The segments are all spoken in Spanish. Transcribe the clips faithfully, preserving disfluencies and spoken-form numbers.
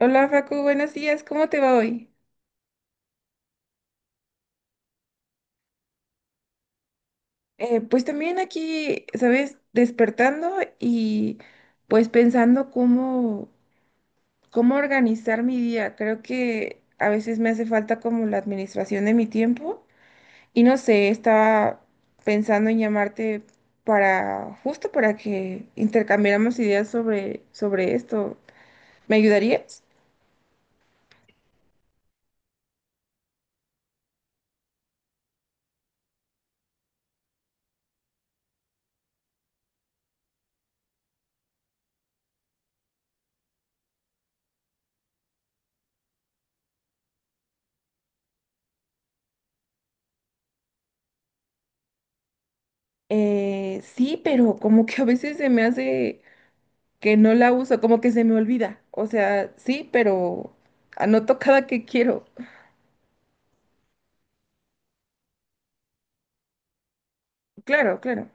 Hola Facu, buenos días, ¿cómo te va hoy? Eh, pues también aquí, ¿sabes? Despertando y pues pensando cómo, cómo organizar mi día. Creo que a veces me hace falta como la administración de mi tiempo y no sé, estaba pensando en llamarte para, justo para que intercambiáramos ideas sobre, sobre esto. ¿Me ayudarías? Eh, sí, pero como que a veces se me hace que no la uso, como que se me olvida. O sea, sí, pero anoto cada que quiero. Claro, claro.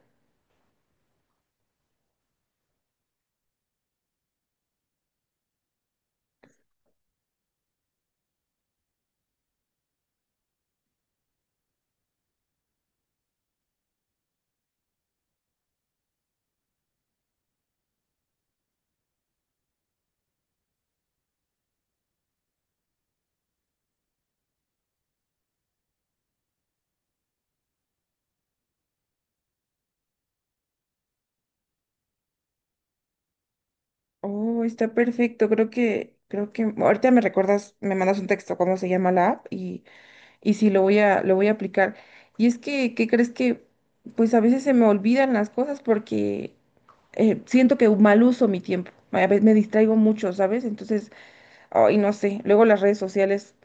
Oh, está perfecto. Creo que, creo que ahorita me recuerdas, me mandas un texto cómo se llama la app y, y sí lo voy a, lo voy a aplicar. Y es que, ¿qué crees que? Pues a veces se me olvidan las cosas porque eh, siento que mal uso mi tiempo. A veces me distraigo mucho, ¿sabes? Entonces, ay, no sé. Luego las redes sociales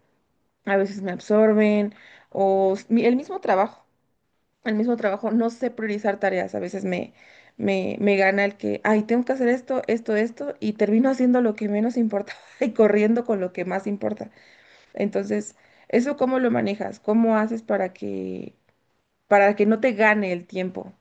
a veces me absorben o s- mi- el mismo trabajo. El mismo trabajo, no sé priorizar tareas. A veces me, me, me gana el que, ay, tengo que hacer esto, esto, esto, y termino haciendo lo que menos importa y corriendo con lo que más importa. Entonces, ¿eso cómo lo manejas? ¿Cómo haces para que, para que no te gane el tiempo?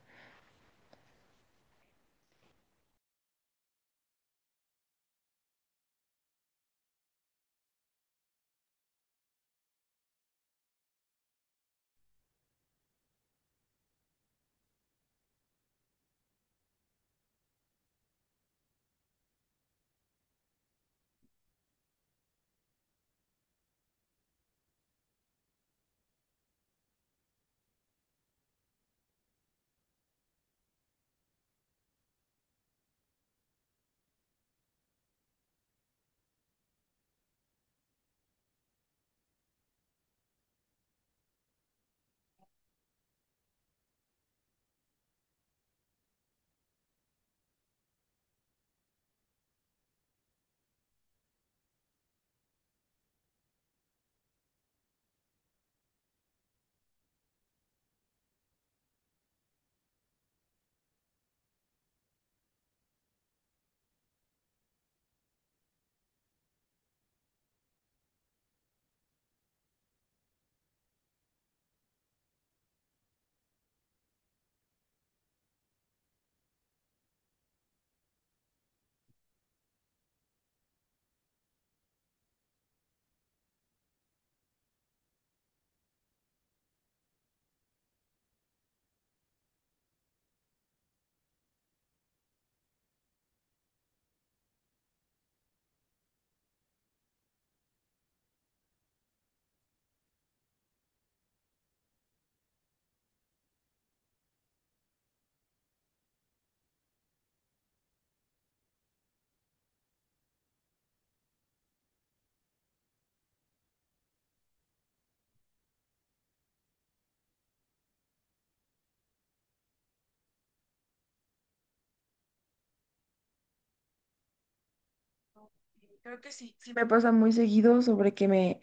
Creo que sí, sí me pasa muy seguido sobre que me,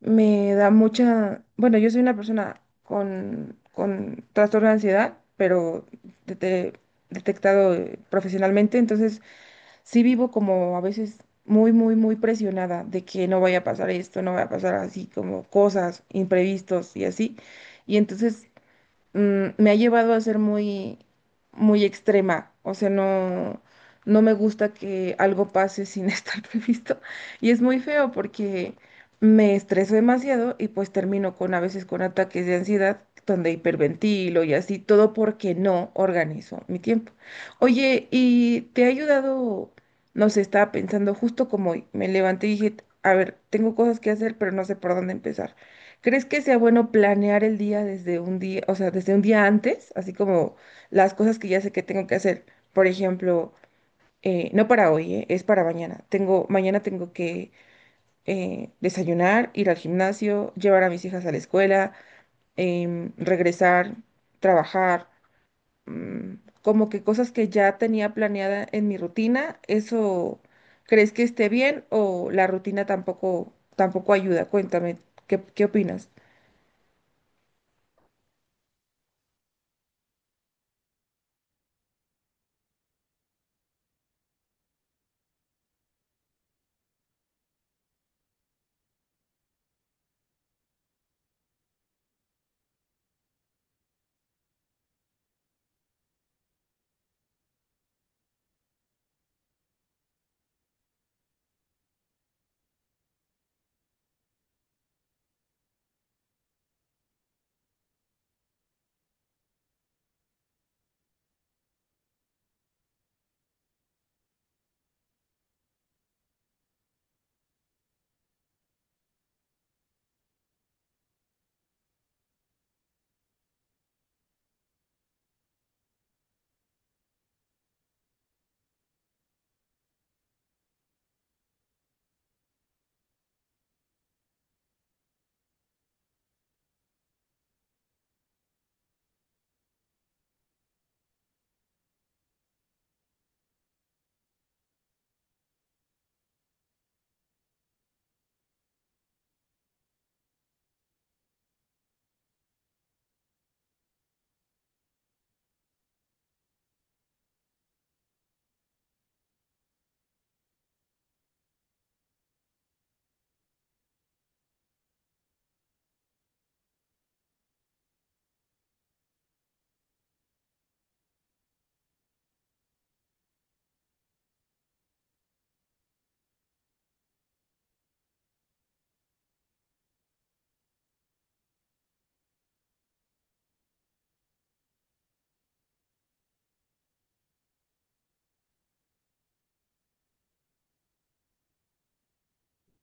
me da mucha, bueno, yo soy una persona con, con trastorno de ansiedad, pero dete- detectado eh, profesionalmente, entonces sí vivo como a veces muy, muy, muy presionada de que no vaya a pasar esto, no vaya a pasar así, como cosas, imprevistos y así. Y entonces mm, me ha llevado a ser muy, muy extrema. O sea, no, no me gusta que algo pase sin estar previsto. Y es muy feo porque me estreso demasiado y pues termino con a veces con ataques de ansiedad donde hiperventilo y así, todo porque no organizo mi tiempo. Oye, ¿y te ha ayudado? No sé, estaba pensando justo como hoy. Me levanté y dije, a ver, tengo cosas que hacer, pero no sé por dónde empezar. ¿Crees que sea bueno planear el día desde un día, o sea, desde un día antes, así como las cosas que ya sé que tengo que hacer? Por ejemplo, eh, no para hoy, eh, es para mañana. Tengo, mañana tengo que eh, desayunar, ir al gimnasio, llevar a mis hijas a la escuela, em, regresar, trabajar, mm, como que cosas que ya tenía planeada en mi rutina, ¿eso crees que esté bien o la rutina tampoco, tampoco ayuda? Cuéntame, ¿qué, qué opinas?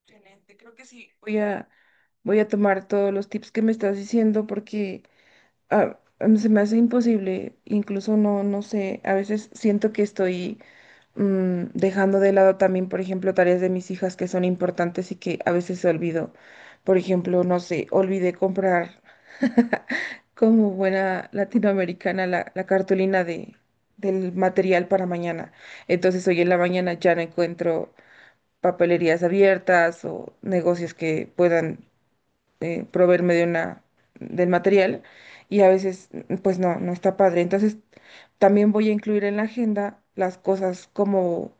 Excelente, creo que sí. Voy a, voy a tomar todos los tips que me estás diciendo porque ah, em, se me hace imposible, incluso no, no sé, a veces siento que estoy mm, dejando de lado también, por ejemplo, tareas de mis hijas que son importantes y que a veces olvido. Por ejemplo, no sé, olvidé comprar como buena latinoamericana la, la cartulina de, del material para mañana. Entonces hoy en la mañana ya no encuentro papelerías abiertas o negocios que puedan eh, proveerme de una, del material y a veces pues no, no está padre. Entonces también voy a incluir en la agenda las cosas como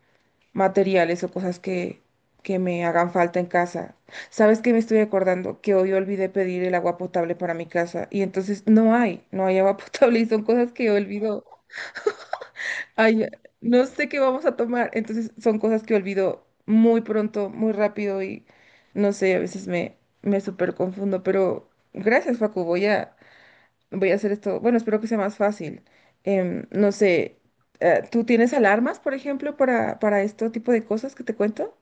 materiales o cosas que, que me hagan falta en casa. ¿Sabes qué me estoy acordando? Que hoy olvidé pedir el agua potable para mi casa y entonces no hay, no hay agua potable y son cosas que olvido. Ay, no sé qué vamos a tomar. Entonces son cosas que olvido muy pronto, muy rápido y no sé, a veces me, me súper confundo. Pero gracias, Facu. Voy a, voy a hacer esto. Bueno, espero que sea más fácil. Em, no sé, eh, ¿tú tienes alarmas, por ejemplo, para, para este tipo de cosas que te cuento?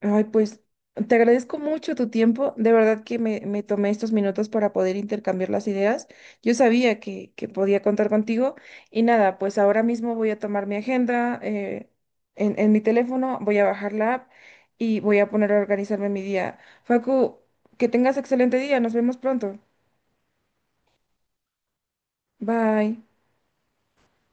Ay, pues te agradezco mucho tu tiempo. De verdad que me, me tomé estos minutos para poder intercambiar las ideas. Yo sabía que, que podía contar contigo. Y nada, pues ahora mismo voy a tomar mi agenda eh, en, en mi teléfono, voy a bajar la app y voy a poner a organizarme mi día. Facu, que tengas excelente día. Nos vemos pronto. Bye.